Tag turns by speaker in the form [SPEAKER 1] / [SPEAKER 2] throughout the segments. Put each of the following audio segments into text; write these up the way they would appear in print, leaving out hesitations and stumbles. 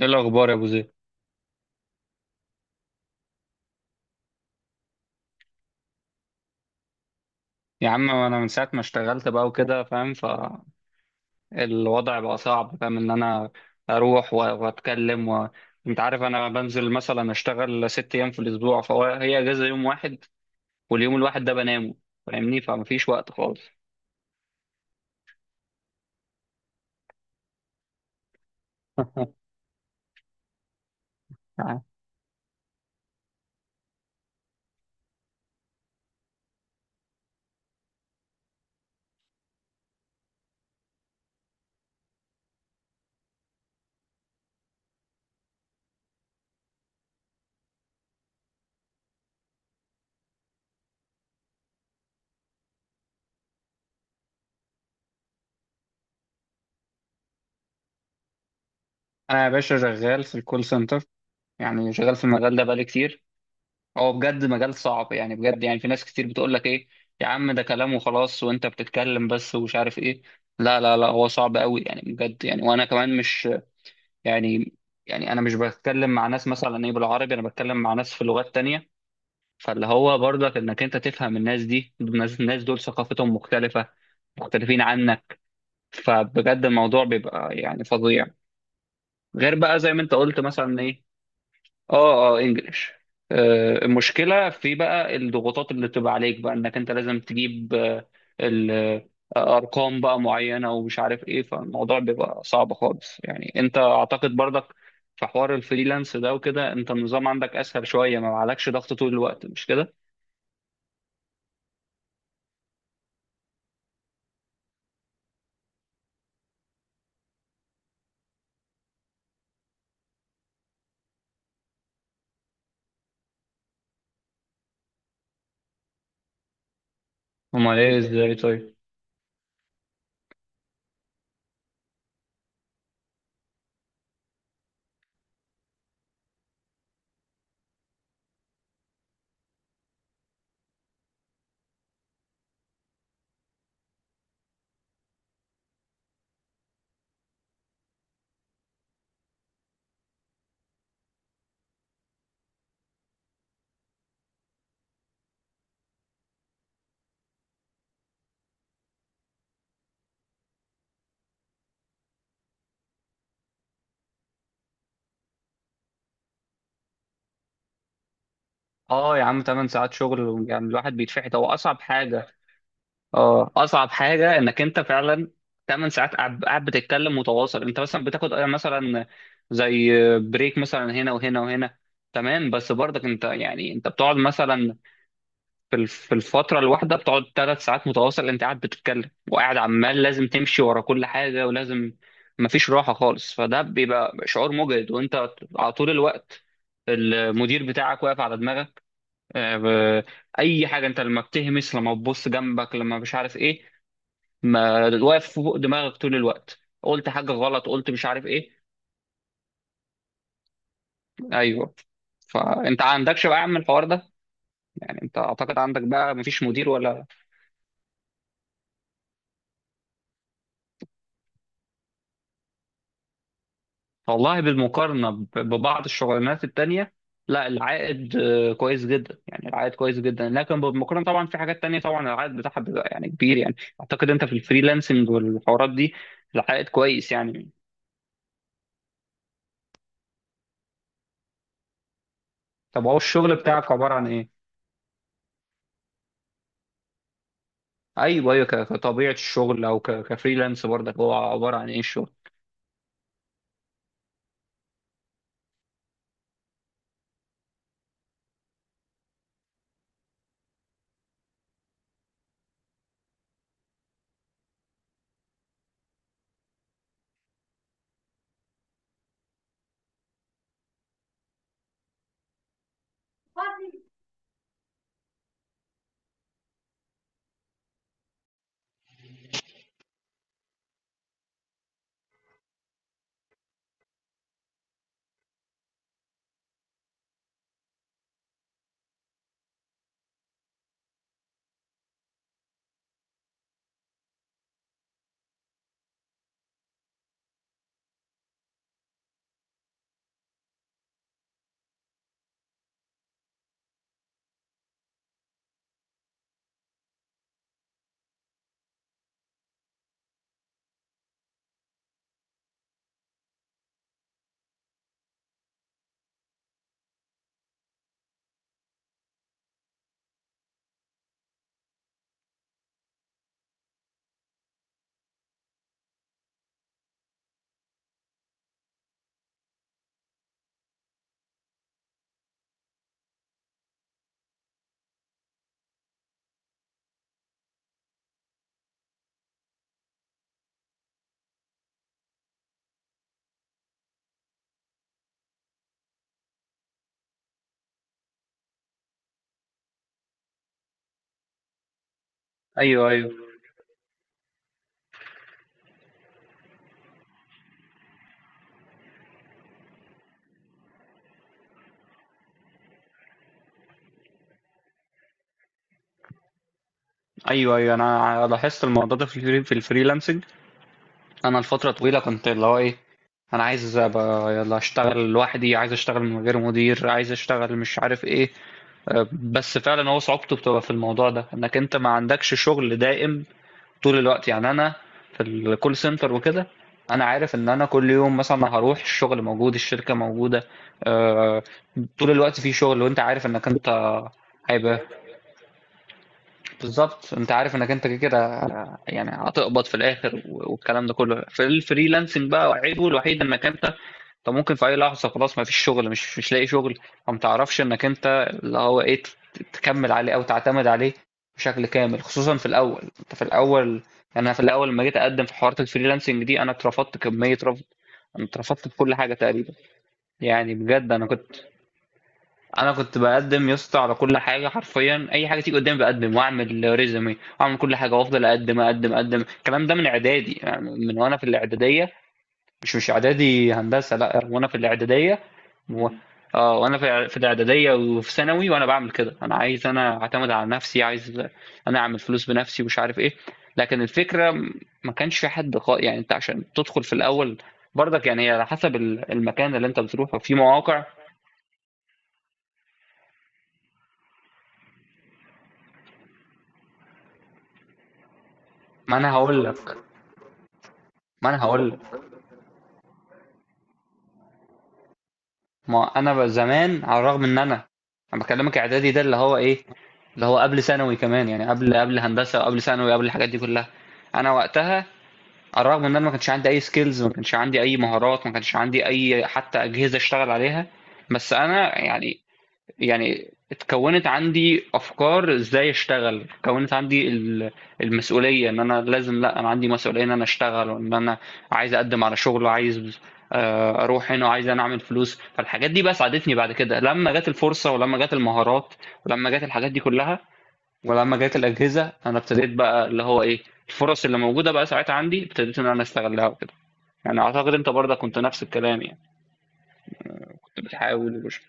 [SPEAKER 1] ايه الاخبار يا ابو زيد؟ يا عم انا من ساعه ما اشتغلت بقى وكده فاهم، فالوضع بقى صعب. فاهم ان انا اروح و- واتكلم و... انت عارف انا بنزل مثلا اشتغل ست ايام في الاسبوع، هي اجازه يوم واحد، واليوم الواحد ده بنامه. فاهمني؟ فمفيش وقت خالص. انا يا باشا شغال في الكول سنتر، يعني شغال في المجال ده بقالي كتير. هو بجد مجال صعب يعني، بجد يعني في ناس كتير بتقول لك ايه، يا عم ده كلام وخلاص وانت بتتكلم بس ومش عارف ايه. لا، هو صعب قوي يعني بجد، يعني وانا كمان مش، يعني، يعني انا مش بتكلم مع ناس مثلا ايه بالعربي، انا بتكلم مع ناس في لغات تانية، فاللي هو برضك انك انت تفهم الناس دي، الناس دول ثقافتهم مختلفة، مختلفين عنك، فبجد الموضوع بيبقى يعني فظيع. غير بقى زي ما انت قلت مثلا ايه. اه انجلش. المشكله في بقى الضغوطات اللي بتبقى عليك بقى، انك انت لازم تجيب ال- ارقام بقى معينه ومش عارف ايه، فالموضوع بيبقى صعب خالص. يعني انت اعتقد برضك في حوار الفريلانس ده وكده، انت النظام عندك اسهل شويه، ما عليكش ضغط طول الوقت، مش كده؟ امال ايه ازاي طيب. اه يا عم، 8 ساعات شغل يعني الواحد بيتفحت، هو اصعب حاجه. اه اصعب حاجه انك انت فعلا 8 ساعات قاعد، بتتكلم متواصل. انت مثلا بتاخد مثلا، زي بريك مثلا هنا وهنا وهنا، تمام، بس برضك انت يعني انت بتقعد مثلا في في الفتره الواحده بتقعد 3 ساعات متواصل انت قاعد بتتكلم، وقاعد عمال لازم تمشي ورا كل حاجه ولازم، مفيش راحه خالص، فده بيبقى شعور مجهد، وانت على طول الوقت المدير بتاعك واقف على دماغك. آه، ب- اي حاجه انت لما بتهمس، لما تبص جنبك، لما مش عارف ايه، ما واقف فوق دماغك طول الوقت، قلت حاجة غلط، قلت مش عارف ايه. ايوه، فانت عندكش بقى يا عم الحوار ده، يعني انت اعتقد عندك بقى مفيش مدير ولا. والله بالمقارنة ببعض الشغلانات التانية، لا العائد كويس جدا، يعني العائد كويس جدا، لكن بالمقارنة طبعا في حاجات تانية طبعا العائد بتاعها بيبقى يعني كبير. يعني اعتقد انت في الفريلانسنج والحوارات دي العائد كويس يعني. طب هو الشغل بتاعك عبارة عن ايه؟ ايوه ايوه، كطبيعة الشغل او كفريلانس برضك، هو عبارة عن ايه الشغل؟ ايوه ايوه. ايوه ايوه، انا لاحظت الموضوع ده في الفريلانسنج. انا لفتره طويله كنت اللي هو ايه، انا عايز ابقى يلا اشتغل لوحدي، عايز اشتغل من غير مدير، عايز اشتغل مش عارف ايه. بس فعلا هو صعوبته بتبقى في الموضوع ده، انك انت ما عندكش شغل دائم طول الوقت. يعني انا في الكول سنتر وكده انا عارف ان انا كل يوم مثلا هروح الشغل موجود، الشركه موجوده، أه، طول الوقت في شغل، وانت عارف انك انت هيبقى بالظبط، انت عارف انك انت كده كده يعني هتقبض في الاخر. والكلام ده كله في الفريلانسنج بقى عيبه الوحيد انك انت ممكن في اي لحظه خلاص ما فيش شغل، مش لاقي شغل، فما تعرفش انك انت اللي هو ايه تكمل عليه او تعتمد عليه بشكل كامل، خصوصا في الاول. انت في الاول، يعني انا في الاول لما جيت اقدم في حوارات الفريلانسنج دي انا اترفضت كميه رفض، انا اترفضت في كل حاجه تقريبا. يعني بجد انا كنت، انا كنت بقدم يا اسطى على كل حاجه، حرفيا اي حاجه تيجي قدامي بقدم واعمل ريزومي واعمل كل حاجه، وافضل اقدم. الكلام ده من اعدادي، يعني من وانا في الاعداديه، مش اعدادي هندسه، لا وانا في الاعداديه و... اه وانا في الاعداديه وفي ثانوي وانا بعمل كده. انا عايز انا اعتمد على نفسي، عايز انا اعمل فلوس بنفسي ومش عارف ايه. لكن الفكره ما كانش في حد خا... يعني انت عشان تدخل في الاول برضك، يعني هي على حسب المكان اللي انت بتروحه في مواقع. ما انا هقول لك ما انا هقول لك، ما انا بقى زمان على الرغم ان انا، انا بكلمك اعدادي ده اللي هو ايه، اللي هو قبل ثانوي كمان، يعني قبل هندسه وقبل ثانوي، قبل الحاجات دي كلها. انا وقتها على الرغم ان انا ما كانش عندي اي سكيلز، ما كانش عندي اي مهارات، ما كانش عندي اي حتى اجهزه اشتغل عليها، بس انا يعني، يعني اتكونت عندي افكار ازاي اشتغل، اتكونت عندي المسؤوليه ان انا لازم، لا انا عندي مسؤوليه ان انا اشتغل، وان انا عايز اقدم على شغل، وعايز اروح هنا، وعايز انا اعمل فلوس. فالحاجات دي بقى ساعدتني بعد كده لما جت الفرصه، ولما جت المهارات، ولما جت الحاجات دي كلها، ولما جت الاجهزه، انا ابتديت بقى اللي هو ايه، الفرص اللي موجوده بقى ساعتها عندي ابتديت ان انا استغلها وكده. يعني اعتقد انت برضه كنت نفس الكلام يعني، كنت بتحاول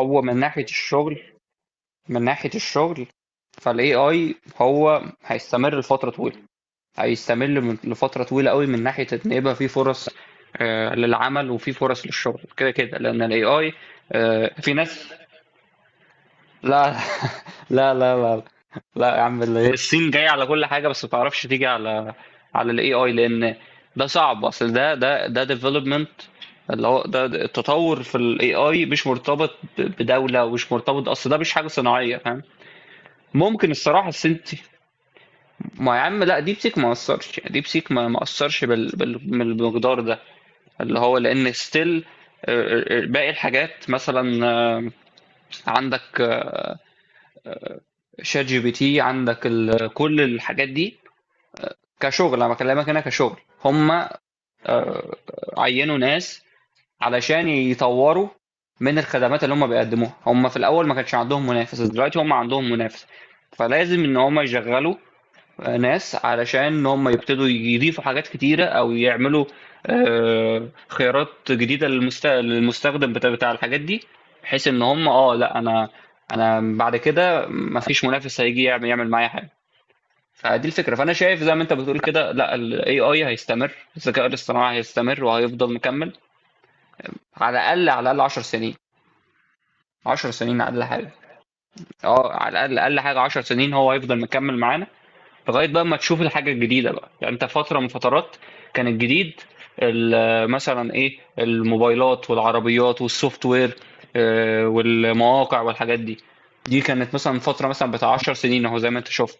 [SPEAKER 1] هو من ناحيه الشغل، من ناحية الشغل، فال AI هو هيستمر لفترة طويلة. هيستمر لفترة طويلة قوي، من ناحية إن يبقى في فرص للعمل وفي فرص للشغل كده كده، لأن ال AI في ناس، لا لا، لا يا عم، الصين جاية على كل حاجة، بس ما تعرفش تيجي على على ال AI، لأن ده صعب. أصل ده development، اللي هو ده التطور في ال AI مش مرتبط بدولة، ومش مرتبط، أصل ده مش حاجة صناعية، فاهم؟ ممكن الصراحة السنتي، ما يا عم لا، ديب سيك ما أثرش، ديب سيك ما أثرش بالمقدار ده، اللي هو لأن ستيل باقي الحاجات، مثلا عندك شات جي بي تي، عندك كل الحاجات دي. كشغل أنا بكلمك هنا، كشغل هم عينوا ناس علشان يطوروا من الخدمات اللي هم بيقدموها. هم في الأول ما كانش عندهم منافس، دلوقتي هم عندهم منافس، فلازم إن هم يشغلوا ناس علشان هم يبتدوا يضيفوا حاجات كتيرة، أو يعملوا خيارات جديدة للمستخدم بتاع الحاجات دي، بحيث إن هم اه لا، أنا أنا بعد كده مفيش منافس هيجي يعمل معايا حاجة. فدي الفكرة، فأنا شايف زي ما أنت بتقول كده، لا ال AI هيستمر، الذكاء الاصطناعي هيستمر وهيفضل مكمل على الأقل 10 سنين. 10 سنين أقل حاجة. اه على الأقل، أقل حاجة 10 سنين هو هيفضل مكمل معانا، لغاية بقى ما تشوف الحاجة الجديدة بقى. يعني انت فترة من فترات كان الجديد مثلا ايه الموبايلات والعربيات والسوفت وير والمواقع والحاجات دي، دي كانت مثلا فترة مثلا بتاع 10 سنين، اهو زي ما انت شفت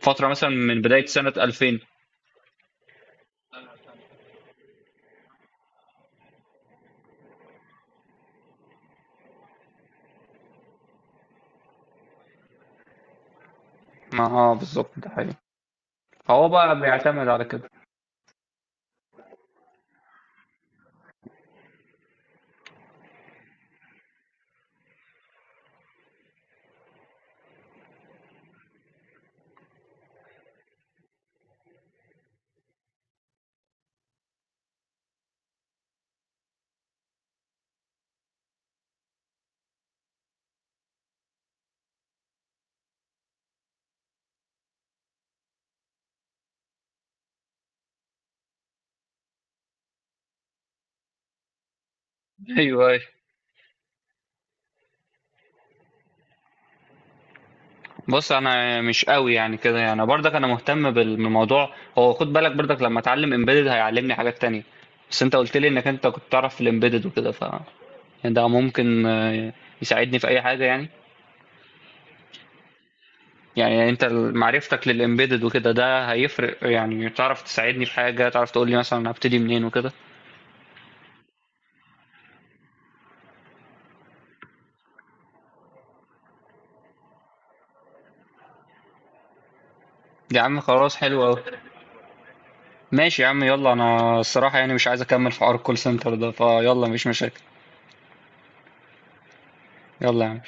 [SPEAKER 1] فترة مثلا من بداية سنة 2000. ما اه بالظبط ده حقيقي، فهو بقى بيعتمد على كده. ايوه، بص انا مش قوي يعني كده يعني، برضك انا مهتم بالموضوع. هو خد بالك برضك لما اتعلم امبيدد هيعلمني حاجات تانية، بس انت قلت لي انك انت كنت تعرف في الامبيدد وكده، ف يعني ده ممكن يساعدني في اي حاجة يعني. يعني انت معرفتك للامبيدد وكده ده هيفرق، يعني تعرف تساعدني في حاجة، تعرف تقول لي مثلا هبتدي منين وكده. يا عم خلاص حلو قوي. ماشي يا عم، يلا انا الصراحة يعني مش عايز اكمل في حوار الكول سنتر ده، فيلا مفيش مشاكل. يلا يا عم.